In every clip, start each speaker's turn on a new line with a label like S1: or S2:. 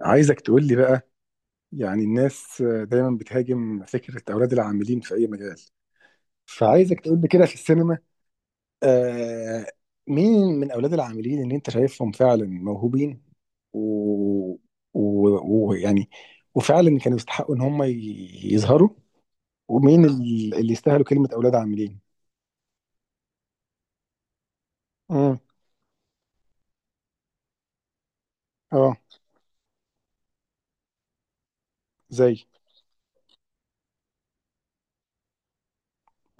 S1: عايزك تقول لي بقى، يعني الناس دايما بتهاجم فكرة أولاد العاملين في أي مجال. فعايزك تقول لي كده في السينما. آه، مين من أولاد العاملين اللي أنت شايفهم فعلا موهوبين و... و... ويعني وفعلا كانوا يستحقوا إن هم يظهروا، ومين اللي يستاهلوا كلمة أولاد عاملين. امم اه. زي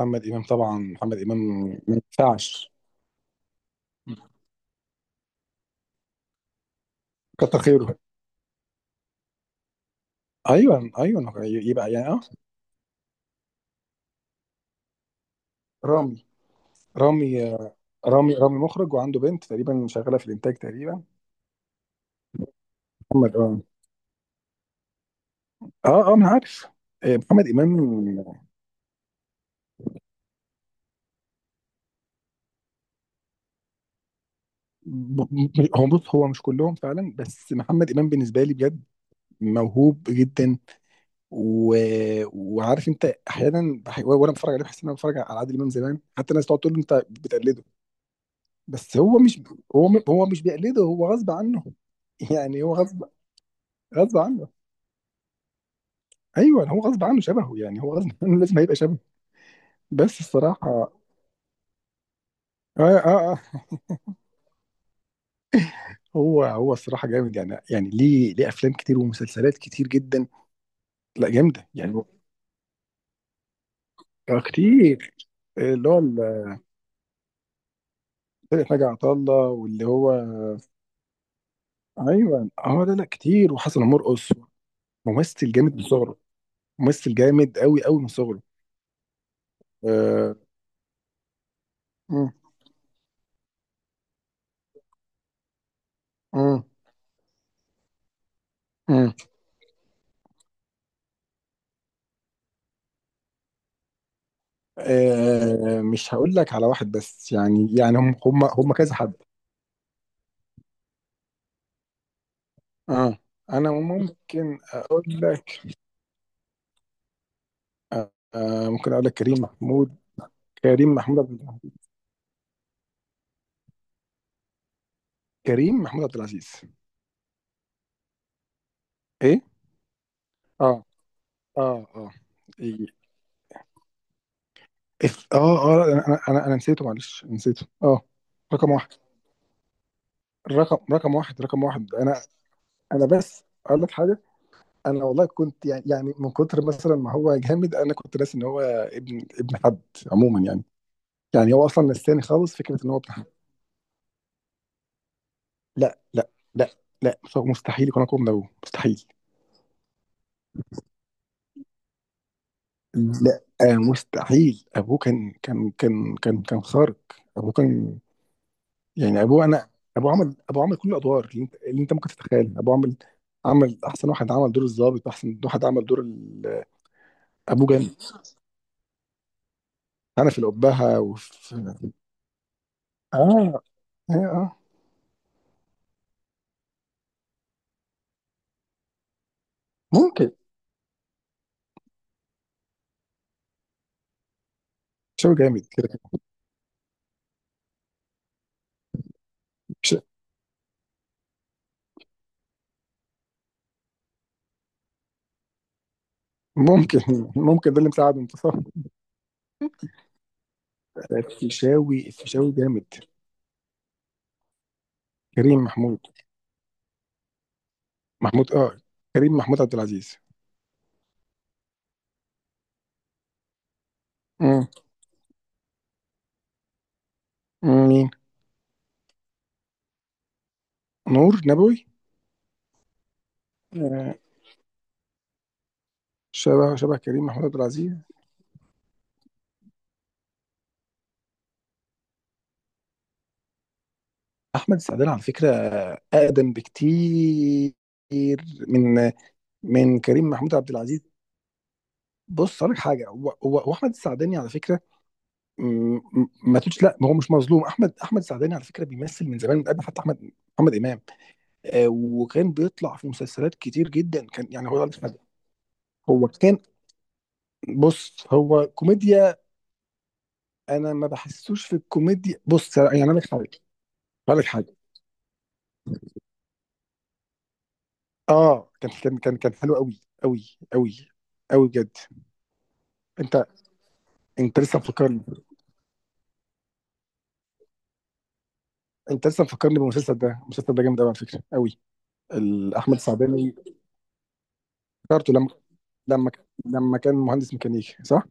S1: محمد إمام. طبعا محمد إمام ما ينفعش، كتر خيره. ايوه ايوه، يبقى يعني اه. رامي. رامي آه، رامي مخرج وعنده بنت تقريبا شغاله في الانتاج تقريبا. محمد اه. اه اه، ما أنا عارف. آه، محمد امام. هو بص، هو مش كلهم فعلا، بس محمد امام بالنسبه لي بجد موهوب جدا. و... وعارف انت، احيانا وانا بتفرج عليه بحس ان انا بتفرج على عادل امام زمان. حتى الناس تقعد تقول له انت بتقلده، بس هو مش، هو مش بيقلده، هو غصب عنه. يعني هو غصب. غصب عنه. ايوه هو غصب عنه شبهه، يعني هو غصب عنه لازم هيبقى شبهه. بس الصراحه اه. اه اه. هو هو الصراحه جامد، يعني يعني ليه افلام كتير ومسلسلات كتير جدا، لا جامده يعني آه، كتير. اللي فرقة ناجي عطا الله واللي هو. ايوه اه، لا لا كتير، وحسن مرقص ممثل جامد من صغره. ممثل جامد قوي قوي من صغره. آه. مم، مم، مم. آه. مش هقول لك على واحد بس، يعني يعني هم كذا حد. اه. انا ممكن اقول لك. آه، ممكن اقول لك كريم محمود. كريم محمود عبد العزيز. كريم محمود عبد العزيز. ايه. اه اه اه. إيه. اف اه اه لا، انا نسيته، معلش نسيته اه. رقم واحد. رقم واحد، رقم واحد. انا بس اقول لك حاجه. انا والله كنت يعني يعني من كتر مثلا ما هو جامد، انا كنت ناسي ان هو ابن حد عموما يعني. يعني هو اصلا نساني خالص فكره ان هو ابن حد. لا لا لا. لا، فهو مستحيل يكون اقوى من ابوه، مستحيل. لا آه، مستحيل. ابوه كان خارق. ابوه كان، يعني ابوه انا. ابوه عمل كل الادوار اللي انت, اللي انت ممكن تتخيلها. ابوه عمل، عمل احسن واحد عمل دور الضابط، واحسن واحد عمل دور ابوه جامد. انا في الابهه وفي. اه اه آه. ممكن. شاوي جامد كده كده. ش- ممكن. ممكن ده اللي مساعد انتصار. الفيشاوي، الفيشاوي جامد. كريم محمود. محمود اه. كريم محمود عبد العزيز. مم. مين. نور نبوي. آه. شبه شبه كريم محمود عبد العزيز. احمد السعدان على فكره اقدم بكتير من، من كريم محمود عبد العزيز. بص اقول لك حاجه، هو احمد السعداني على فكره. ما تقولش لا، ما هو مش مظلوم. احمد السعداني على فكره بيمثل من زمان، من قبل حتى احمد محمد امام. آه، وكان بيطلع في مسلسلات كتير جدا. كان يعني هو. هو كان. بص هو كوميديا، انا ما بحسوش في الكوميديا. بص يعني اقول لك حاجه. اقول لك حاجه، اه كان حلو قوي قوي. قوي. قوي بجد. انت. انت لسه مفكرني. انت لسه مفكرني بالمسلسل ده. المسلسل ده جامد قوي على فكره، قوي. احمد سعداني. افتكرته لما. لما. لما كان مهندس ميكانيكي، صح.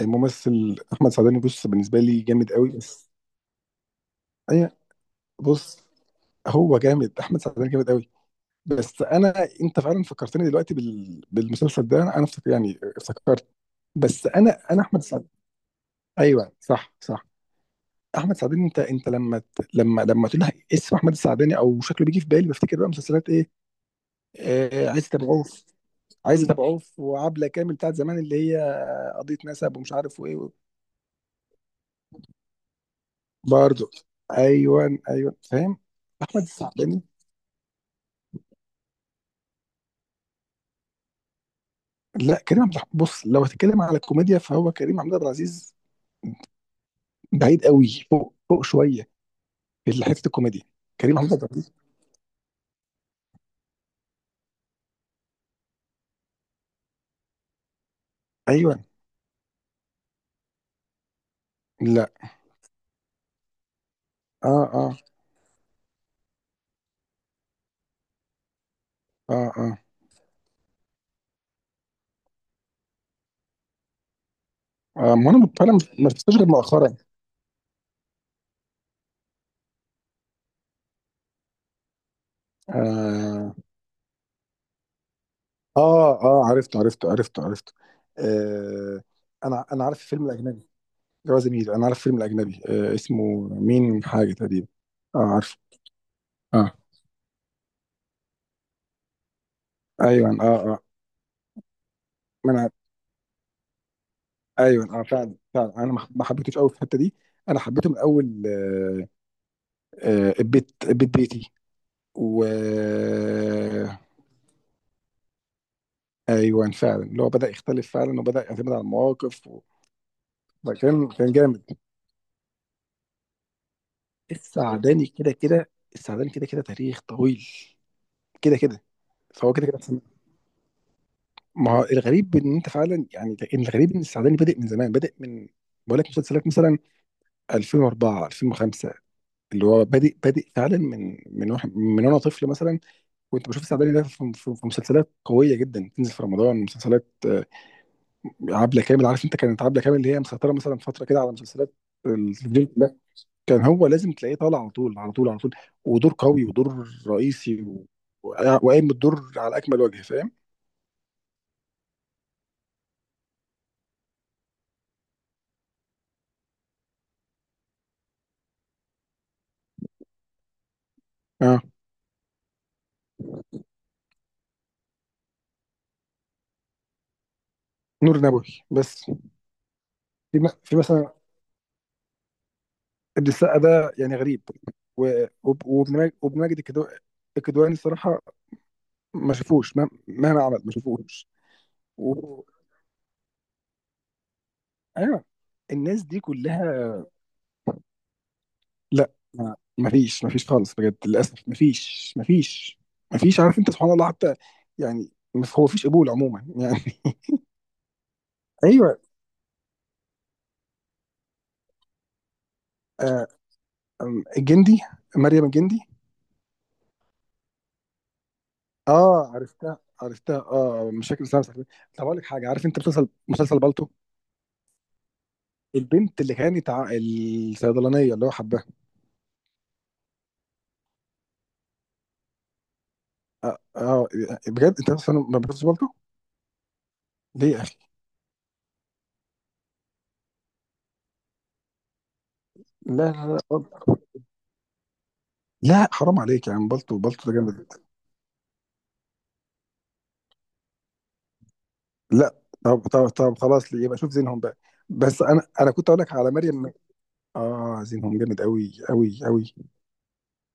S1: الممثل احمد سعداني بص بالنسبه لي جامد قوي، بس. اي. بص، هو جامد احمد سعداني جامد قوي. بس انا، انت فعلا فكرتني دلوقتي بالمسلسل ده. انا افتكر يعني افتكرت. بس انا احمد السعداني. ايوه صح صح. احمد سعداني، انت لما لما، لما تقول لي اسم احمد السعداني او شكله، بيجي في بالي بفتكر بقى مسلسلات ايه. آه، عايز تبعوه عايز تبعوه في وعبله كامل بتاعت زمان، اللي هي قضيه نسب ومش عارف وايه. برضه. ايوه ايوه، فاهم. احمد السعداني. لا كريم عبد الحميد. بص لو هتتكلم على الكوميديا فهو كريم عبد العزيز بعيد قوي، فوق فوق شويه في حته الكوميديا. كريم عبد العزيز. ايوه. لا. اه اه اه اه. آه، آه، ما انا فعلا ما شفتوش غير مؤخرا. اه اه. اه عرفته عرفته. آه. انا عارف الفيلم الاجنبي. جواز ميل انا عارف فيلم الاجنبي آه، اسمه مين حاجه تقريبا. اه عارفه. اه. ايوه اه اه. ما انا. ايوه اه، فعلا فعلا، انا ما حبيتوش قوي في الحته دي. انا حبيته من اول آه. آه، البيت بيتي. و. ايوه فعلا، اللي هو بدا يختلف فعلا وبدا يعتمد على المواقف كان كان جامد. السعداني كده كده. السعداني كده كده تاريخ طويل. كده كده. فهو كده كده. ما هو الغريب ان انت فعلا، يعني إن الغريب ان السعداني بادئ من زمان، بادئ من، بقول لك مسلسلات مثلا 2004، 2005، اللي هو بادئ بادئ فعلا من، من واحد من، وانا طفل مثلا كنت بشوف السعداني ده في, في, في مسلسلات قويه جدا تنزل في رمضان. مسلسلات آه، عبله كامل، عارف انت، كانت عبله كامل اللي هي مسيطره مثلا فتره كده على مسلسلات التلفزيون كلها. كان هو لازم تلاقيه طالع على طول على طول على طول، ودور قوي ودور رئيسي وقايم بالدور على اكمل وجه، فاهم. اه. نور نبوي بس. في في مثلا ابن السقا ده يعني غريب، وابن ماجد، الكدواني الصراحه ما شافوش، مهما عمل ما شافوش. و... ايوه. الناس دي كلها. لا، ما ما فيش، ما فيش خالص، بجد للاسف ما فيش، ما فيش. ما فيش، عارف انت سبحان الله حتى. يعني هو فيش قبول عموما يعني. ايوه. آه. الجندي. مريم الجندي. اه عرفتها عرفتها. اه، مشاكل سامسونج. طب اقول لك حاجه عارف انت، مسلسل، مسلسل بالطو. البنت اللي كانت الصيدلانيه اللي هو حباها. اه آه، بجد انت اصلا ما بتلبس بالطو؟ ليه يا اخي؟ لا لا لا، بالطو. لا حرام عليك يا عم، بالطو، بالطو ده جامد. لا. طب خلاص ليه، يبقى شوف زينهم بقى. بس انا كنت اقول لك على مريم. اه زينهم جامد قوي قوي قوي.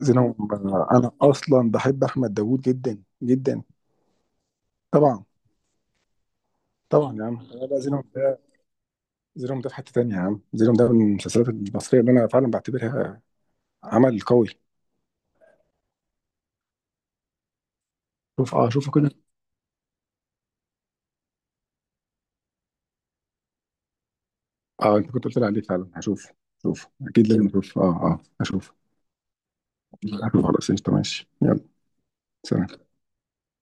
S1: زينهم آه، انا اصلا بحب احمد داوود جدا جدا. طبعا. طبعا يا عم، لا لا، زينهم ده، زينهم ده في حته تانيه يا عم. زينهم ده من المسلسلات المصريه اللي انا فعلا بعتبرها عمل قوي. شوف، اه شوف كده. اه انت كنت قلت لي عليه فعلا، هشوف. شوف اكيد لازم اشوف، اه اه هشوف. هشوف خلاص، قشطة، ماشي يلا. سلام.